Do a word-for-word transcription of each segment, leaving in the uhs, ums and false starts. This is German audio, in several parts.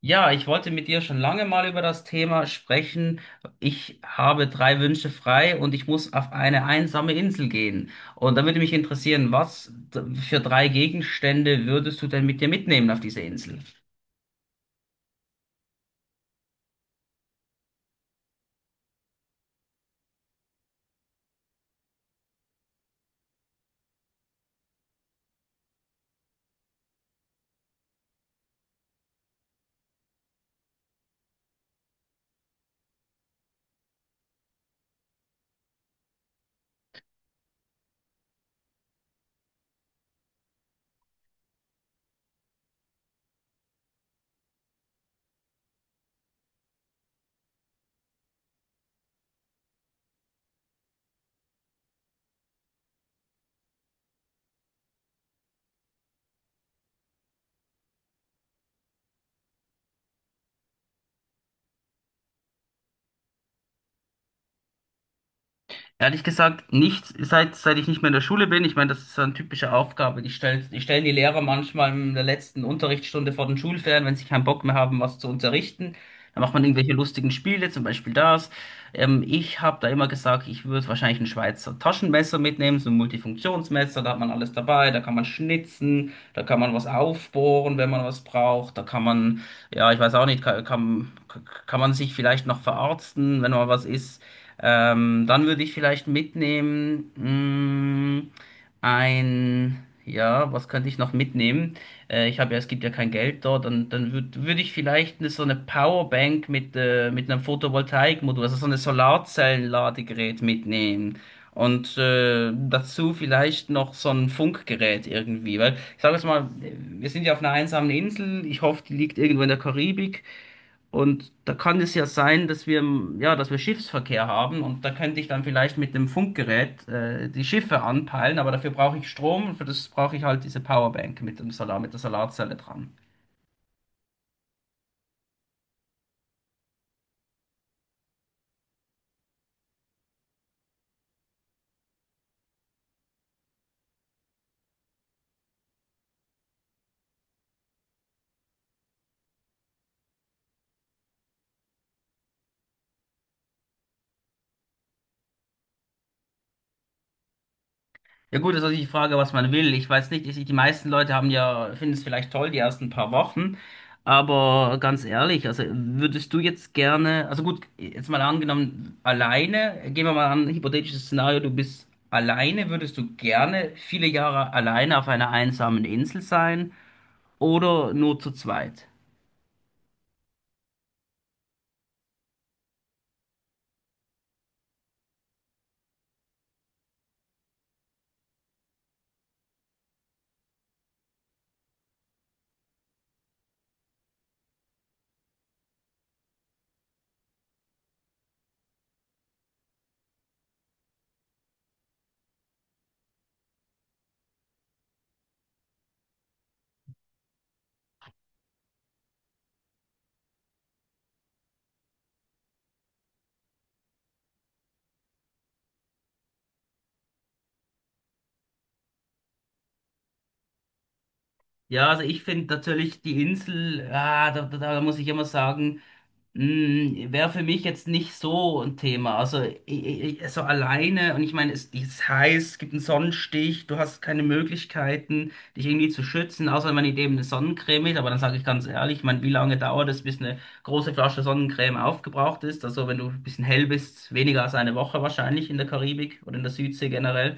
Ja, ich wollte mit dir schon lange mal über das Thema sprechen. Ich habe drei Wünsche frei und ich muss auf eine einsame Insel gehen. Und da würde mich interessieren, was d- für drei Gegenstände würdest du denn mit dir mitnehmen auf diese Insel? Ehrlich gesagt, nicht, seit, seit ich nicht mehr in der Schule bin. Ich meine, das ist so eine typische Aufgabe. Die stellen, die stellen die Lehrer manchmal in der letzten Unterrichtsstunde vor den Schulferien, wenn sie keinen Bock mehr haben, was zu unterrichten. Dann macht man irgendwelche lustigen Spiele, zum Beispiel das. Ähm, ich habe da immer gesagt, ich würde wahrscheinlich ein Schweizer Taschenmesser mitnehmen, so ein Multifunktionsmesser, da hat man alles dabei, da kann man schnitzen, da kann man was aufbohren, wenn man was braucht, da kann man, ja, ich weiß auch nicht, kann, kann, kann man sich vielleicht noch verarzten, wenn mal was ist. Ähm, dann würde ich vielleicht mitnehmen, mh, ein, ja, was könnte ich noch mitnehmen? Äh, ich habe ja, es gibt ja kein Geld dort, dann, dann würde würd ich vielleicht eine, so eine Powerbank mit, äh, mit einem Photovoltaikmodul, also so eine Solarzellenladegerät mitnehmen. Und äh, dazu vielleicht noch so ein Funkgerät irgendwie, weil ich sage jetzt mal, wir sind ja auf einer einsamen Insel, ich hoffe, die liegt irgendwo in der Karibik. Und da kann es ja sein, dass wir, m, ja, dass wir Schiffsverkehr haben und da könnte ich dann vielleicht mit dem Funkgerät äh, die Schiffe anpeilen, aber dafür brauche ich Strom und für das brauche ich halt diese Powerbank mit dem Solar, mit der Solarzelle dran. Ja gut, das ist natürlich die Frage, was man will. Ich weiß nicht, ich, die meisten Leute haben ja, finden es vielleicht toll, die ersten paar Wochen. Aber ganz ehrlich, also würdest du jetzt gerne, also gut, jetzt mal angenommen, alleine, gehen wir mal an, hypothetisches Szenario, du bist alleine, würdest du gerne viele Jahre alleine auf einer einsamen Insel sein oder nur zu zweit? Ja, also ich finde natürlich die Insel, ah, da, da, da muss ich immer sagen, Hm, wäre für mich jetzt nicht so ein Thema. Also, i- i- i- so alleine, und ich meine, es ist heiß, es gibt einen Sonnenstich, du hast keine Möglichkeiten, dich irgendwie zu schützen, außer man nimmt eben eine Sonnencreme mit. Aber dann sage ich ganz ehrlich, ich meine, wie lange dauert es, bis eine große Flasche Sonnencreme aufgebraucht ist? Also, wenn du ein bisschen hell bist, weniger als eine Woche wahrscheinlich in der Karibik oder in der Südsee generell.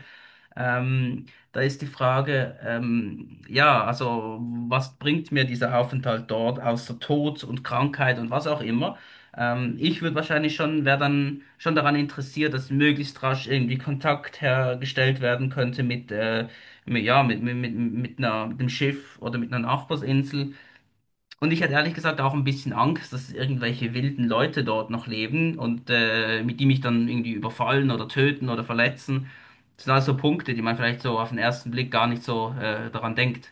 Ähm, Da ist die Frage, ähm, ja, also was bringt mir dieser Aufenthalt dort außer Tod und Krankheit und was auch immer? Ähm, ich würde wahrscheinlich schon, wäre dann schon daran interessiert, dass möglichst rasch irgendwie Kontakt hergestellt werden könnte mit, äh, mit ja, mit, mit, mit, mit einer, mit dem Schiff oder mit einer Nachbarsinsel. Und ich hatte ehrlich gesagt auch ein bisschen Angst, dass irgendwelche wilden Leute dort noch leben und äh, mit die mich dann irgendwie überfallen oder töten oder verletzen. Das sind alles so Punkte, die man vielleicht so auf den ersten Blick gar nicht so äh, daran denkt.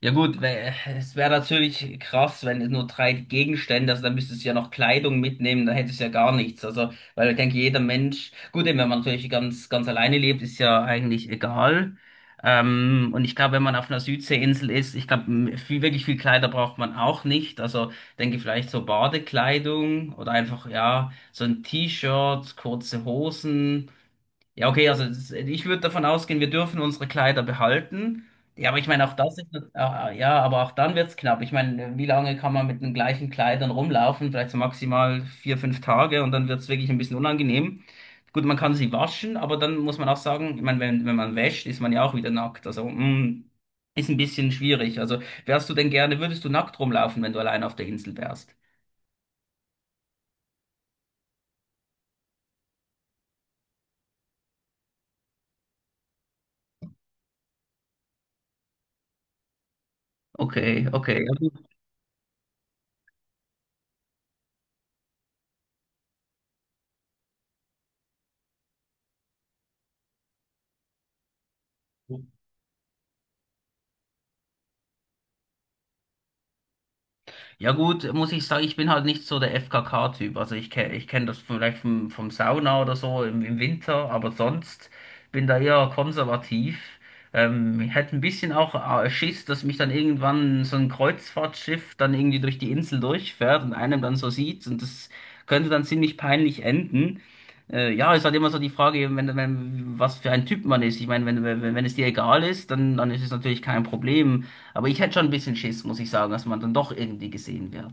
Ja gut, weil, äh, es wäre natürlich krass, wenn es nur drei Gegenstände, also dann müsstest du ja noch Kleidung mitnehmen, dann hättest du ja gar nichts. Also, weil ich denke, jeder Mensch, gut, eben, wenn man natürlich ganz, ganz alleine lebt, ist ja eigentlich egal. Ähm, und ich glaube, wenn man auf einer Südseeinsel ist, ich glaube, m- viel, wirklich viel Kleider braucht man auch nicht. Also denke vielleicht so Badekleidung oder einfach, ja, so ein T-Shirt, kurze Hosen. Ja, okay, also das, ich würde davon ausgehen, wir dürfen unsere Kleider behalten. Ja, aber ich meine, auch das ist, äh, ja, aber auch dann wird's knapp. Ich meine, wie lange kann man mit den gleichen Kleidern rumlaufen? Vielleicht so maximal vier, fünf Tage und dann wird's wirklich ein bisschen unangenehm. Gut, man kann sie waschen, aber dann muss man auch sagen, ich meine, wenn, wenn man wäscht, ist man ja auch wieder nackt. Also, mm, ist ein bisschen schwierig. Also, wärst du denn gerne, würdest du nackt rumlaufen, wenn du allein auf der Insel wärst? Okay, okay. Ja, gut. Ja gut, muss ich sagen, ich bin halt nicht so der F K K-Typ. Also ich kenne ich kenn das vielleicht vom, vom Sauna oder so im, im Winter, aber sonst bin da eher konservativ. Ähm, ich hätte ein bisschen auch äh, Schiss, dass mich dann irgendwann so ein Kreuzfahrtschiff dann irgendwie durch die Insel durchfährt und einem dann so sieht und das könnte dann ziemlich peinlich enden. Äh, ja, ist halt immer so die Frage, eben, wenn, wenn, was für ein Typ man ist. Ich meine, wenn, wenn, wenn es dir egal ist, dann, dann ist es natürlich kein Problem. Aber ich hätte schon ein bisschen Schiss, muss ich sagen, dass man dann doch irgendwie gesehen wird.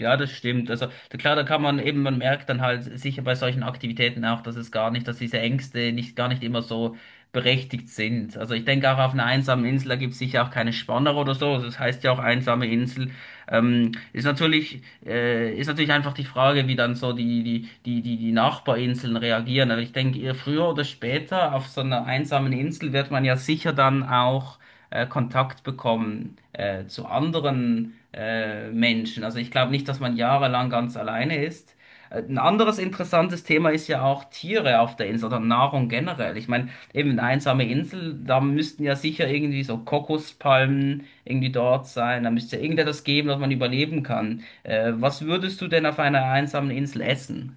Ja, das stimmt. Also da- klar, da kann man eben, man merkt dann halt sicher bei solchen Aktivitäten auch, dass es gar nicht, dass diese Ängste nicht gar nicht immer so berechtigt sind. Also ich denke auch auf einer einsamen Insel, da gibt es sicher auch keine Spanner oder so. Also das heißt ja auch einsame Insel. Ähm, ist natürlich, äh, ist natürlich einfach die Frage, wie dann so die, die, die, die, die Nachbarinseln reagieren. Aber ich denke, eher früher oder später auf so einer einsamen Insel wird man ja sicher dann auch äh, Kontakt bekommen äh, zu anderen äh, Menschen. Also ich glaube nicht, dass man jahrelang ganz alleine ist. Äh, Ein anderes interessantes Thema ist ja auch Tiere auf der Insel oder Nahrung generell. Ich meine, eben eine einsame Insel, da müssten ja sicher irgendwie so Kokospalmen irgendwie dort sein. Da müsste ja irgendetwas geben, dass man überleben kann. Äh, was würdest du denn auf einer einsamen Insel essen?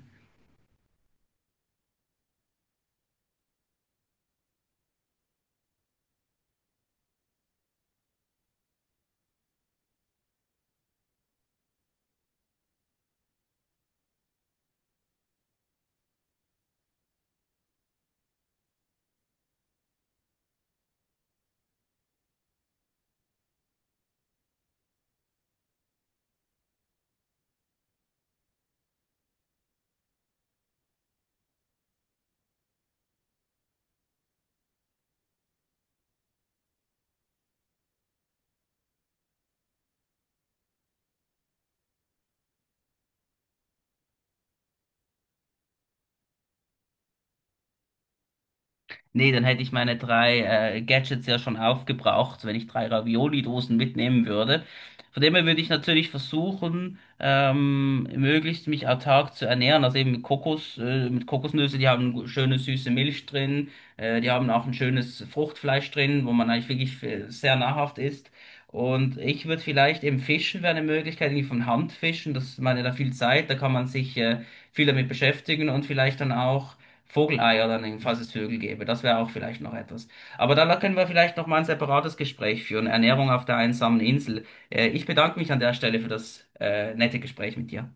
Nee, dann hätte ich meine drei äh, Gadgets ja schon aufgebraucht, wenn ich drei Ravioli-Dosen mitnehmen würde. Von dem her würde ich natürlich versuchen, ähm, möglichst mich autark zu ernähren, also eben mit Kokos, äh, mit Kokosnüsse, die haben schöne süße Milch drin, äh, die haben auch ein schönes Fruchtfleisch drin, wo man eigentlich wirklich äh, sehr nahrhaft isst. Und ich würde vielleicht eben Fischen wäre eine Möglichkeit, irgendwie von Hand fischen, das ich meine da viel Zeit, da kann man sich äh, viel damit beschäftigen und vielleicht dann auch Vogelei oder nehmen, falls es Vögel gäbe. Das wäre auch vielleicht noch etwas. Aber da können wir vielleicht noch mal ein separates Gespräch führen. Ernährung auf der einsamen Insel. Äh, ich bedanke mich an der Stelle für das äh, nette Gespräch mit dir.